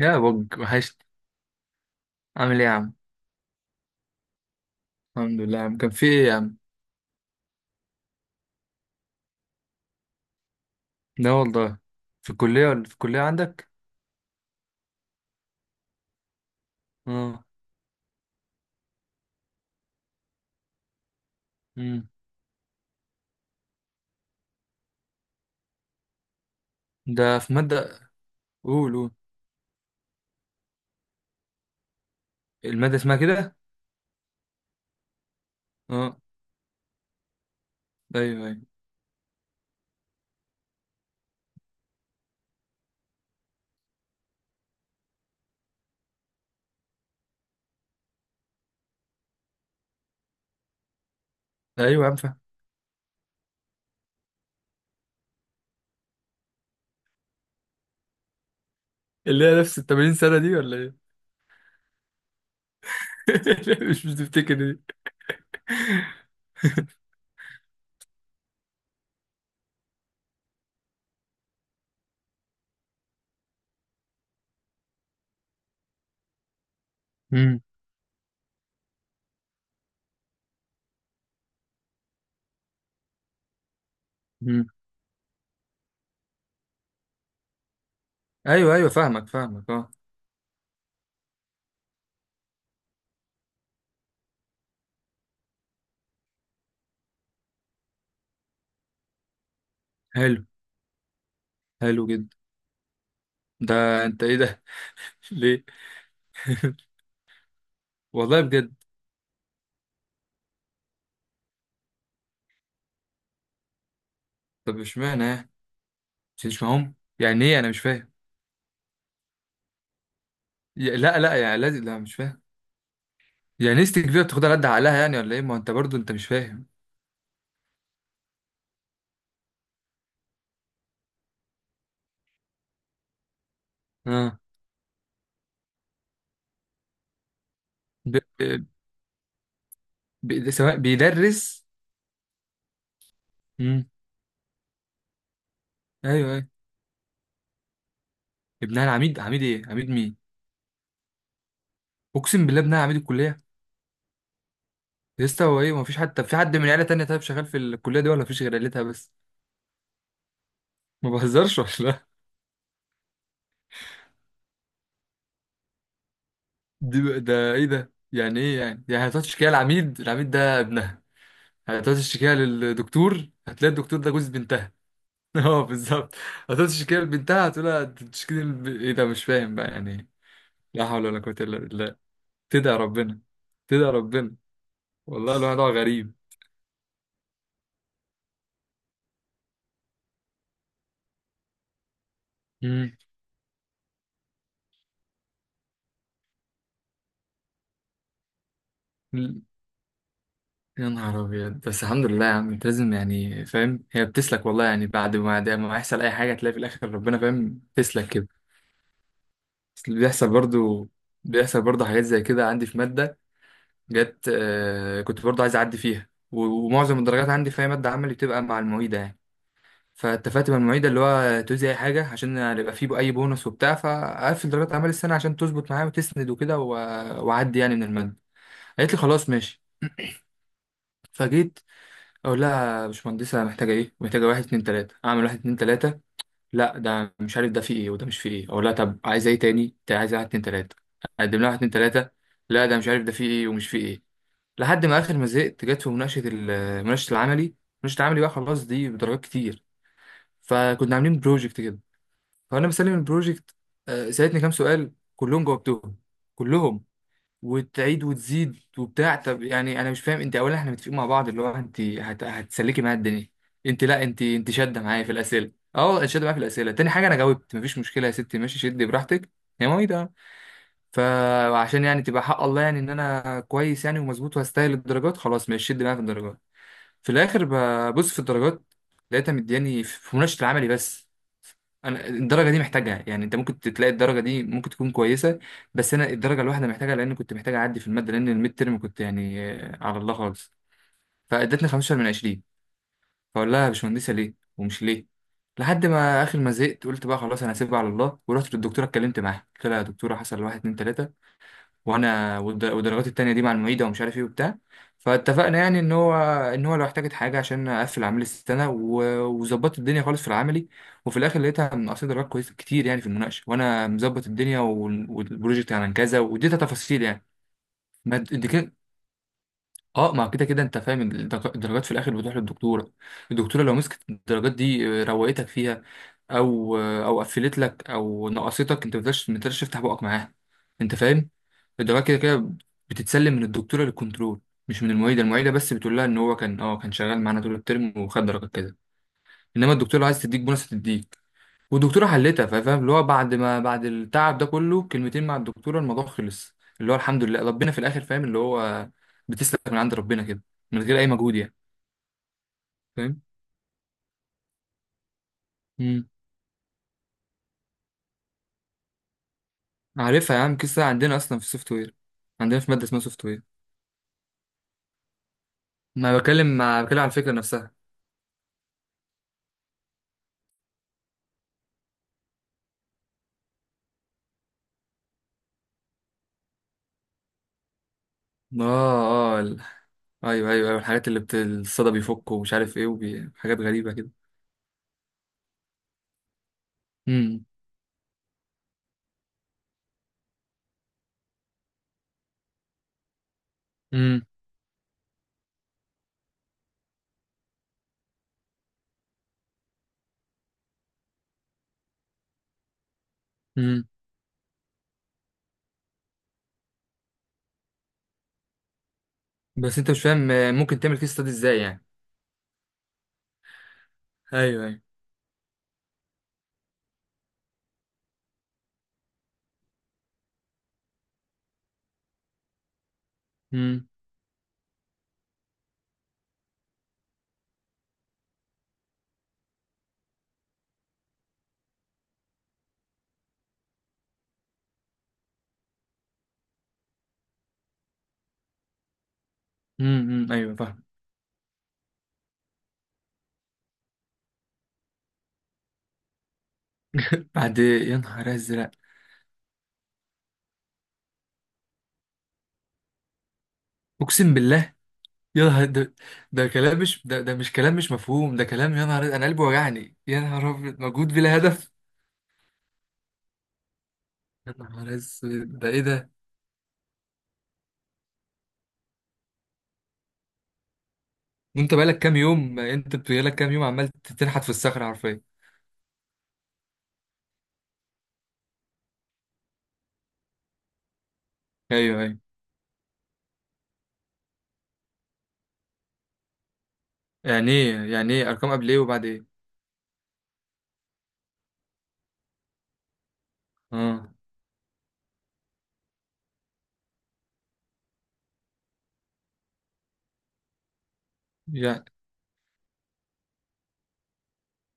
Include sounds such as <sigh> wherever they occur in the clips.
يا بج وحشت. عامل ايه يا عم؟ الحمد لله يا عم، كان في ايه يا عم؟ لا والله. في الكلية ولا في الكلية عندك؟ اه. امم ده في مادة؟ قول قول. المادة اسمها كده؟ اه. ايوه ايوه ايوه يا عم فاهم. اللي هي نفس ال 80 سنة دي ولا ايه؟ <laughs> مش بتفتكر دي. <laughs> امم امم ايوه ايوه فاهمك اه. حلو. حلو جدا. ده انت ايه ده؟ <laughs> ليه؟ <laughs> والله بجد. طب اشمعنى يعني؟ مش معاهم يعني ايه؟ انا مش فاهم. لا لا، يعني لازم، لا مش فاهم. يعني نيستك كبيرة بتاخدها على قد عقلها يعني ولا ايه؟ ما هو انت برضو انت مش فاهم. اه. ب... سواء بيدرس. امم. ايوه ايوه. ابنها العميد؟ عميد ايه؟ عميد مين؟ اقسم بالله ابنها عميد الكليه؟ يا اسطى، هو ايه، ما فيش حتى في حد من عيله تانية طيب شغال في الكليه دي، ولا فيش غير عيلتها بس؟ ما بهزرش ولا <laughs> ده ايه ده، يعني ايه؟ يعني هتقعد تشتكيها، العميد، العميد ده ابنها؟ هتقعد تشتكيها للدكتور، هتلاقي الدكتور ده جوز بنتها. <laughs> اه بالظبط. هتقعد تشتكيها لبنتها، هتقولها تشتكي ايه ده، مش فاهم بقى يعني إيه. لا حول ولا قوة إلا بالله. تدعي ربنا، تدعي ربنا. والله الواحد هو غريب. امم ل- يا نهار أبيض. بس الحمد لله يا عم، أنت لازم يعني فاهم، هي بتسلك والله يعني. بعد ما ده ما يحصل أي حاجة تلاقي في الآخر ربنا فاهم تسلك كده. بس اللي بيحصل برضو، بيحصل برضو حاجات زي كده. عندي في مادة جت، كنت برضو عايز أعدي فيها، ومعظم الدرجات عندي في أي مادة عملي بتبقى مع المعيدة يعني. فاتفقت مع المعيدة اللي هو توزي أي حاجة عشان يبقى فيه أي بونص وبتاع، فقفل درجات أعمال السنة عشان تظبط معايا وتسند وكده وأعدي يعني من المادة. قالت لي خلاص ماشي. فجيت أقول لها يا باشمهندسة محتاجة إيه؟ محتاجة واحد اتنين تلاتة، أعمل واحد اتنين تلاتة. لا ده مش عارف ده فيه إيه وده مش فيه إيه. أقول لها طب عايزة إيه تاني؟ عايزة واحد اتنين تلاتة، أقدم لها واحد اتنين تلاتة. لا ده مش عارف ده فيه إيه ومش فيه إيه. لحد ما آخر ما زهقت جت في مناقشة مناقشة العملي. مناقشة العملي بقى خلاص دي بدرجات كتير. فكنا عاملين بروجكت كده، فانا بسلم البروجكت. سالتني كام سؤال كلهم جاوبتهم، كلهم. وتعيد وتزيد وبتاع. طب يعني انا مش فاهم انت، اولا احنا متفقين مع بعض اللي هو انت هتسلكي معايا الدنيا. انت، لا انت شاده معايا في الاسئله. اه شاده معايا في الاسئله. تاني حاجه انا جاوبت، مفيش مشكله يا ستي ماشي شدي براحتك. يا مامي، فعشان يعني تبقى حق الله يعني ان انا كويس يعني ومظبوط وهستاهل الدرجات، خلاص ماشي شد معايا في الدرجات. في الاخر ببص في الدرجات لقيتها مدياني في مناقشه العملي بس. انا الدرجه دي محتاجها يعني. انت ممكن تلاقي الدرجه دي ممكن تكون كويسه، بس انا الدرجه الواحده محتاجها لان كنت محتاج اعدي في الماده. لان الميد ترم كنت يعني على الله خالص. فادتني 15 من 20. فاقول لها يا باشمهندسه ليه ومش ليه. لحد ما اخر ما زهقت قلت بقى خلاص انا هسيبها على الله. ورحت للدكتوره اتكلمت معاها قلت لها يا دكتوره حصل واحد اتنين تلاته، وانا والدرجات التانية دي مع المعيدة ومش عارف ايه وبتاع. فاتفقنا يعني ان هو لو احتاجت حاجة عشان اقفل عملي السنة وظبطت الدنيا خالص في العملي. وفي الاخر لقيتها منقصة درجات كويسة كتير يعني في المناقشة وانا مظبط الدنيا والبروجكت عن كذا واديتها تفاصيل يعني. ما د- دي كده. اه ما كده كده انت فاهم، الدرجات في الاخر بتروح للدكتورة. الدكتورة لو مسكت الدرجات دي روقتك فيها، او قفلت لك او نقصتك انت، ما تقدرش ما تقدرش تفتح بقك معاها. انت فاهم؟ الدواء كده كده بتتسلم من الدكتوره للكنترول، مش من المعيده. المعيده بس بتقول لها ان هو كان كان شغال معانا طول الترم وخد درجه كده. انما الدكتوره عايز تديك بونص تديك، والدكتوره حلتها. فاهم اللي هو بعد ما، بعد التعب ده كله كلمتين مع الدكتوره الموضوع خلص، اللي هو الحمد لله ربنا في الاخر فاهم اللي هو بتسلك من عند ربنا كده، من غير اي مجهود يعني. فاهم. امم عارفها يا عم، قصه عندنا اصلا في السوفت وير. عندنا في ماده اسمها سوفت وير. ما بكلم، مع بكلم عن الفكرة نفسها. اه اه ال- ايوه ايوه ايوه. الحاجات اللي الصدى بيفك ومش عارف ايه حاجات غريبة كده. امم امم امم بس انت مش فاهم ممكن تعمل كيس ستادي ازاي يعني. ايوه ايوه. امم ايوه فاهم. <laughs> بعد يا نهار ازرق. اقسم بالله. يا نهار ده، ده كلام، مش ده، ده مش كلام مش مفهوم، ده كلام يا نهار، انا قلبي وجعني يا نهار ابيض، مجهود بلا هدف. يا نهار اسود ده ايه ده؟ انت بقالك كام يوم، انت بقالك كام يوم عمال تنحت في الصخرة حرفيا. ايوه ايوه. يعني ايه ارقام قبل ايه وبعد ايه؟ اه يعني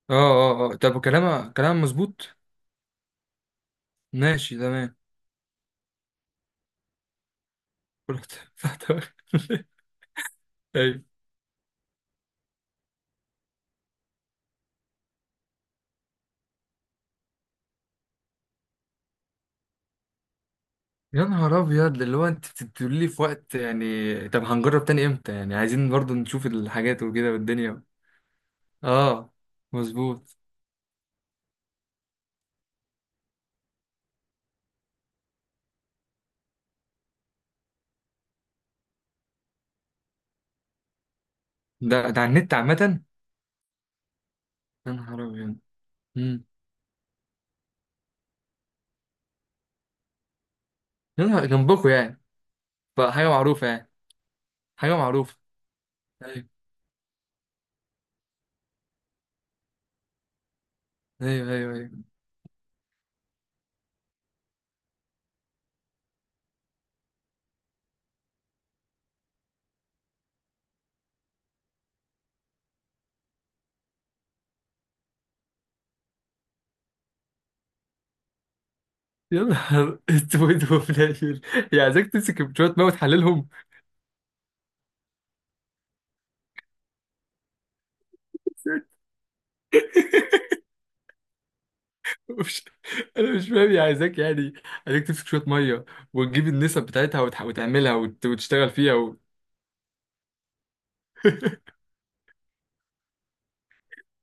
اه طب كلامها كلام مظبوط. ماشي تمام. رحت فتحت. <laughs> ايوه. يا نهار ابيض اللي هو انت بتقولي لي في وقت يعني. طب هنجرب تاني امتى يعني؟ عايزين برضو نشوف الحاجات وكده والدنيا. اه مظبوط. ده ده على النت عامة. يا نهار ابيض. امم يا نهار جنبكوا يعني. بقى حاجة معروفة يعني. حاجة معروفة. ايوه. ايوه ايوه، أيوة. يا نهار اسود وفلاشر. هي عايزاك تمسك شويه ميه وتحللهم. <laughs> مش، انا مش فاهم، هي عايزاك يعني، عايزاك تمسك شويه ميه وتجيب النسب بتاعتها وتعملها وتشتغل فيها و... <laughs>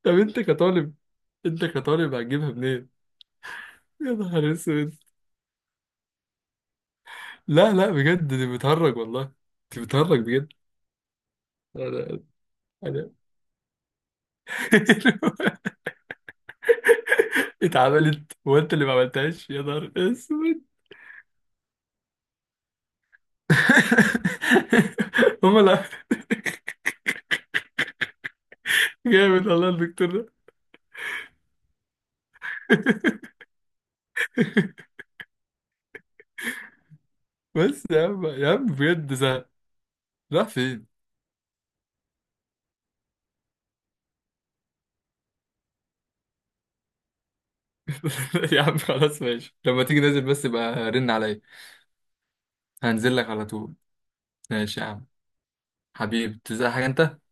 طب انت كطالب، انت كطالب هتجيبها منين؟ يا نهار اسود. لا لا بجد دي بتهرج والله، دي بتهرج بجد. انا انا <laughs> اتعملت وانت اللي ما عملتهاش؟ يا نهار اسود. <laughs> هما لا. جامد والله الدكتور ده. <laughs> بس يا عم يا عم بجد زهق. راح فين؟ <laughs> يا عم خلاص ماشي، لما تيجي نازل بس يبقى رن عليا. هنزل لك على طول. ماشي يا عم. حبيبي تزهق حاجة انت؟